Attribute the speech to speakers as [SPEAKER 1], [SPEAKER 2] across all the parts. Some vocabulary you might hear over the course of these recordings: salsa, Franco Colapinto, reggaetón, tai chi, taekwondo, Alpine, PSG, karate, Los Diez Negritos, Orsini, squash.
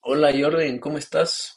[SPEAKER 1] Hola Jordan, ¿cómo estás?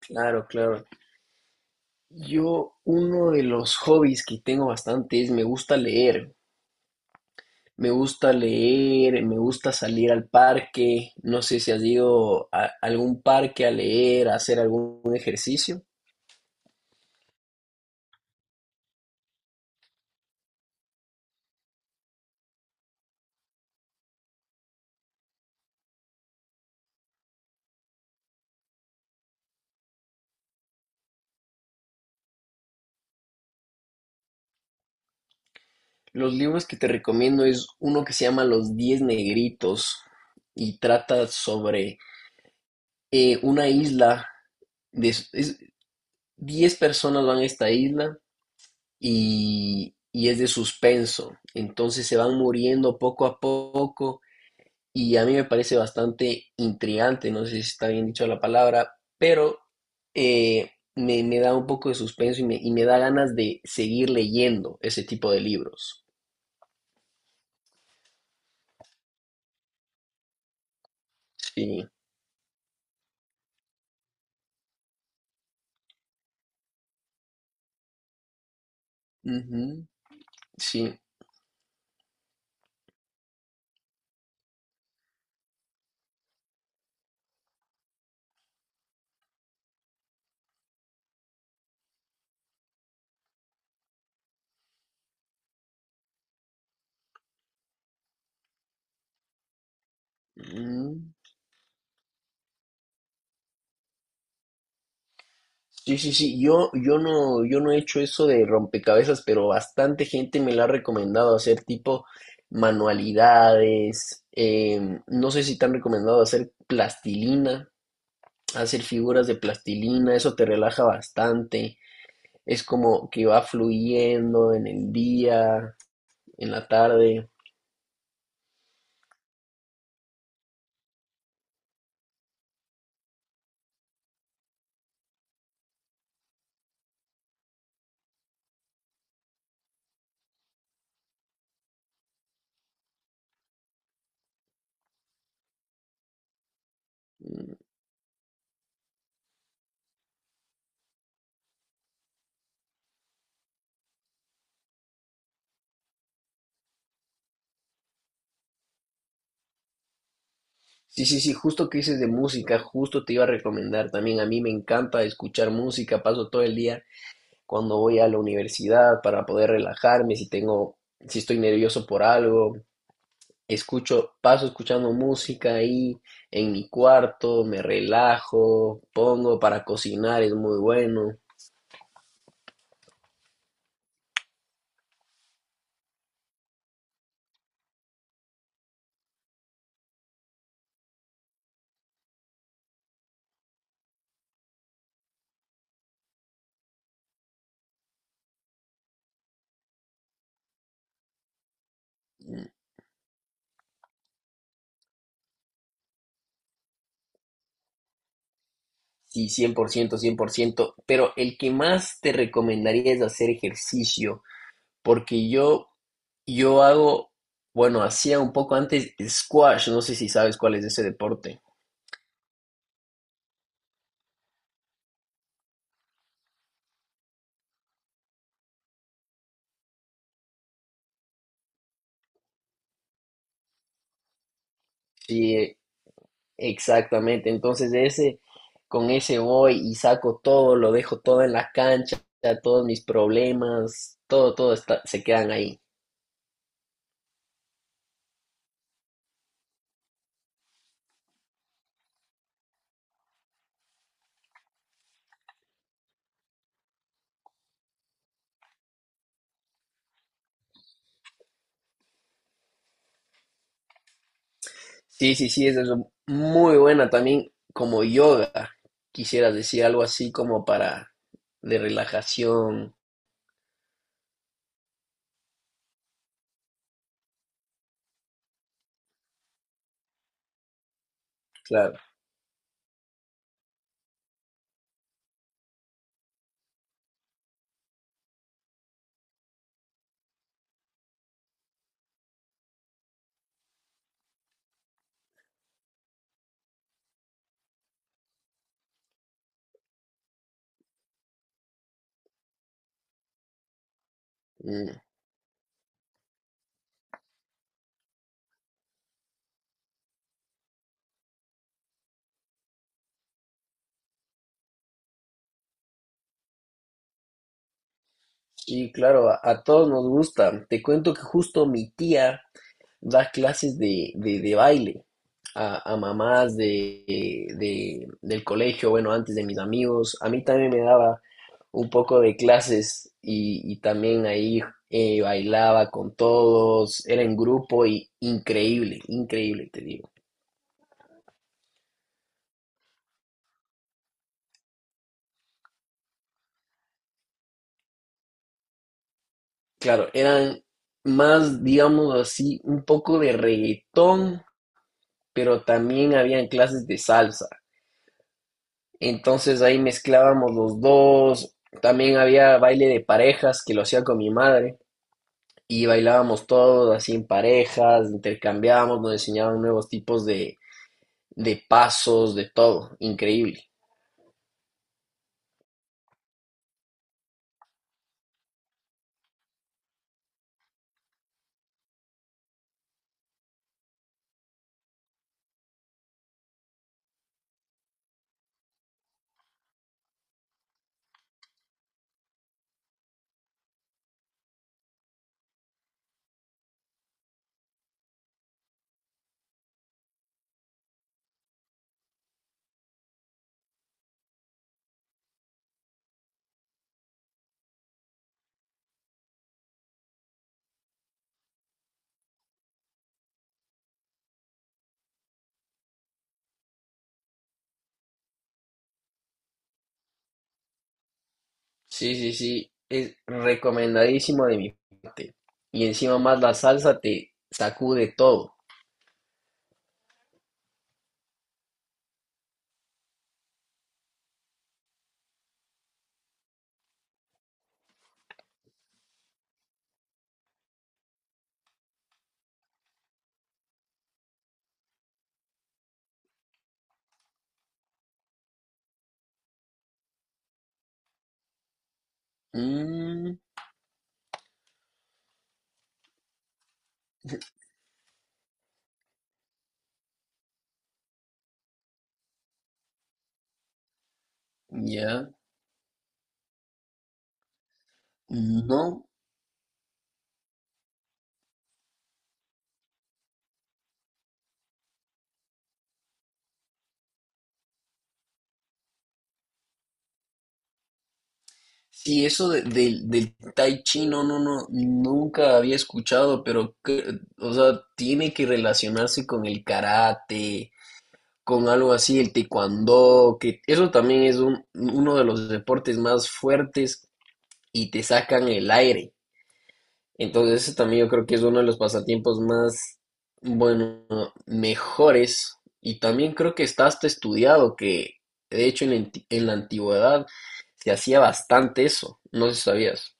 [SPEAKER 1] Claro, claro. Uno de los hobbies que tengo bastante es me gusta leer. Me gusta leer, me gusta salir al parque. No sé si has ido a algún parque a leer, a hacer algún ejercicio. Los libros que te recomiendo es uno que se llama Los Diez Negritos y trata sobre una isla. De, es- 10 personas van a esta isla y es de suspenso. Entonces se van muriendo poco a poco y a mí me parece bastante intrigante, no sé si está bien dicho la palabra, pero eh, me da un poco de suspenso y me da ganas de seguir leyendo ese tipo de libros. Sí. Ujú. Sí. Ujú. Sí, sí, sí, yo no he hecho eso de rompecabezas, pero bastante gente me lo ha recomendado hacer tipo manualidades. No sé si te han recomendado hacer plastilina, hacer figuras de plastilina, eso te relaja bastante, es como que va fluyendo en el día, en la tarde. Mm. Sí, sí, sí, justo que dices de música, justo te iba a recomendar también, a mí me encanta escuchar música, paso todo el día cuando voy a la universidad para poder relajarme, si estoy nervioso por algo, paso escuchando música ahí en mi cuarto, me relajo, pongo para cocinar, es muy bueno. Sí, 100%, 100%, pero el que más te recomendaría es hacer ejercicio, porque yo hago, bueno, hacía un poco antes squash, no sé si sabes cuál es ese deporte. Sí. Exactamente, entonces de ese, con ese voy y saco todo, lo dejo todo en la cancha, todos mis problemas, todo, todo está, se quedan ahí. Sí, sí, sí, eso es muy buena también como yoga, quisieras decir algo así como para de relajación, claro. Mm. Y claro, a todos nos gusta. Te cuento que justo mi tía dar clases de baile a mamás del colegio, bueno, antes de mis amigos. A mí también me daba un poco de clases, y también ahí bailaba con todos, era en grupo y increíble, increíble, te digo. Claro, eran más, digamos así, un poco de reggaetón, pero también habían clases de salsa. Entonces ahí mezclábamos los dos. También había baile de parejas que lo hacía con mi madre. Y bailábamos todos así en parejas, intercambiábamos, nos enseñaban nuevos tipos de pasos, de todo. Increíble. Sí, sí, sí. Es recomendadísimo de mi parte. Y encima más la salsa te sacude todo. Mm. Ya. No. Sí, eso del tai chi, no, no, no, nunca había escuchado, pero, o sea, tiene que relacionarse con el karate, con algo así, el taekwondo, que eso también es uno de los deportes más fuertes y te sacan el aire. Entonces, eso también yo creo que es uno de los pasatiempos más, bueno, mejores. Y también creo que está hasta estudiado que, de hecho, en en la antigüedad se hacía bastante eso, no sé si sabías.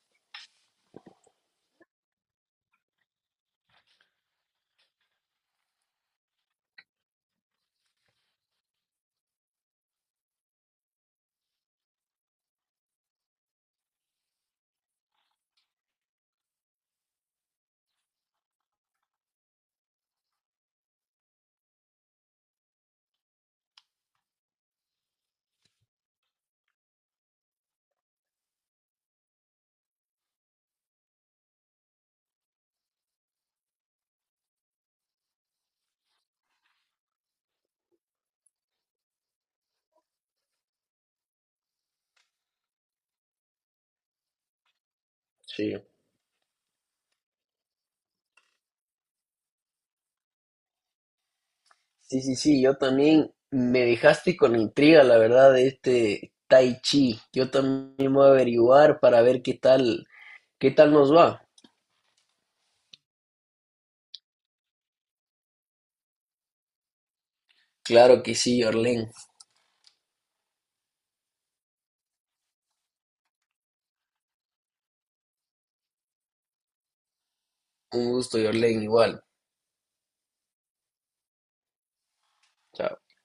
[SPEAKER 1] Sí, sí, sí, sí, yo también me dejaste con intriga, la verdad, de este Tai Chi. Yo también voy a averiguar para ver qué tal nos va. Claro que sí, Orlen. Un gusto, Orlen, igual. Chao.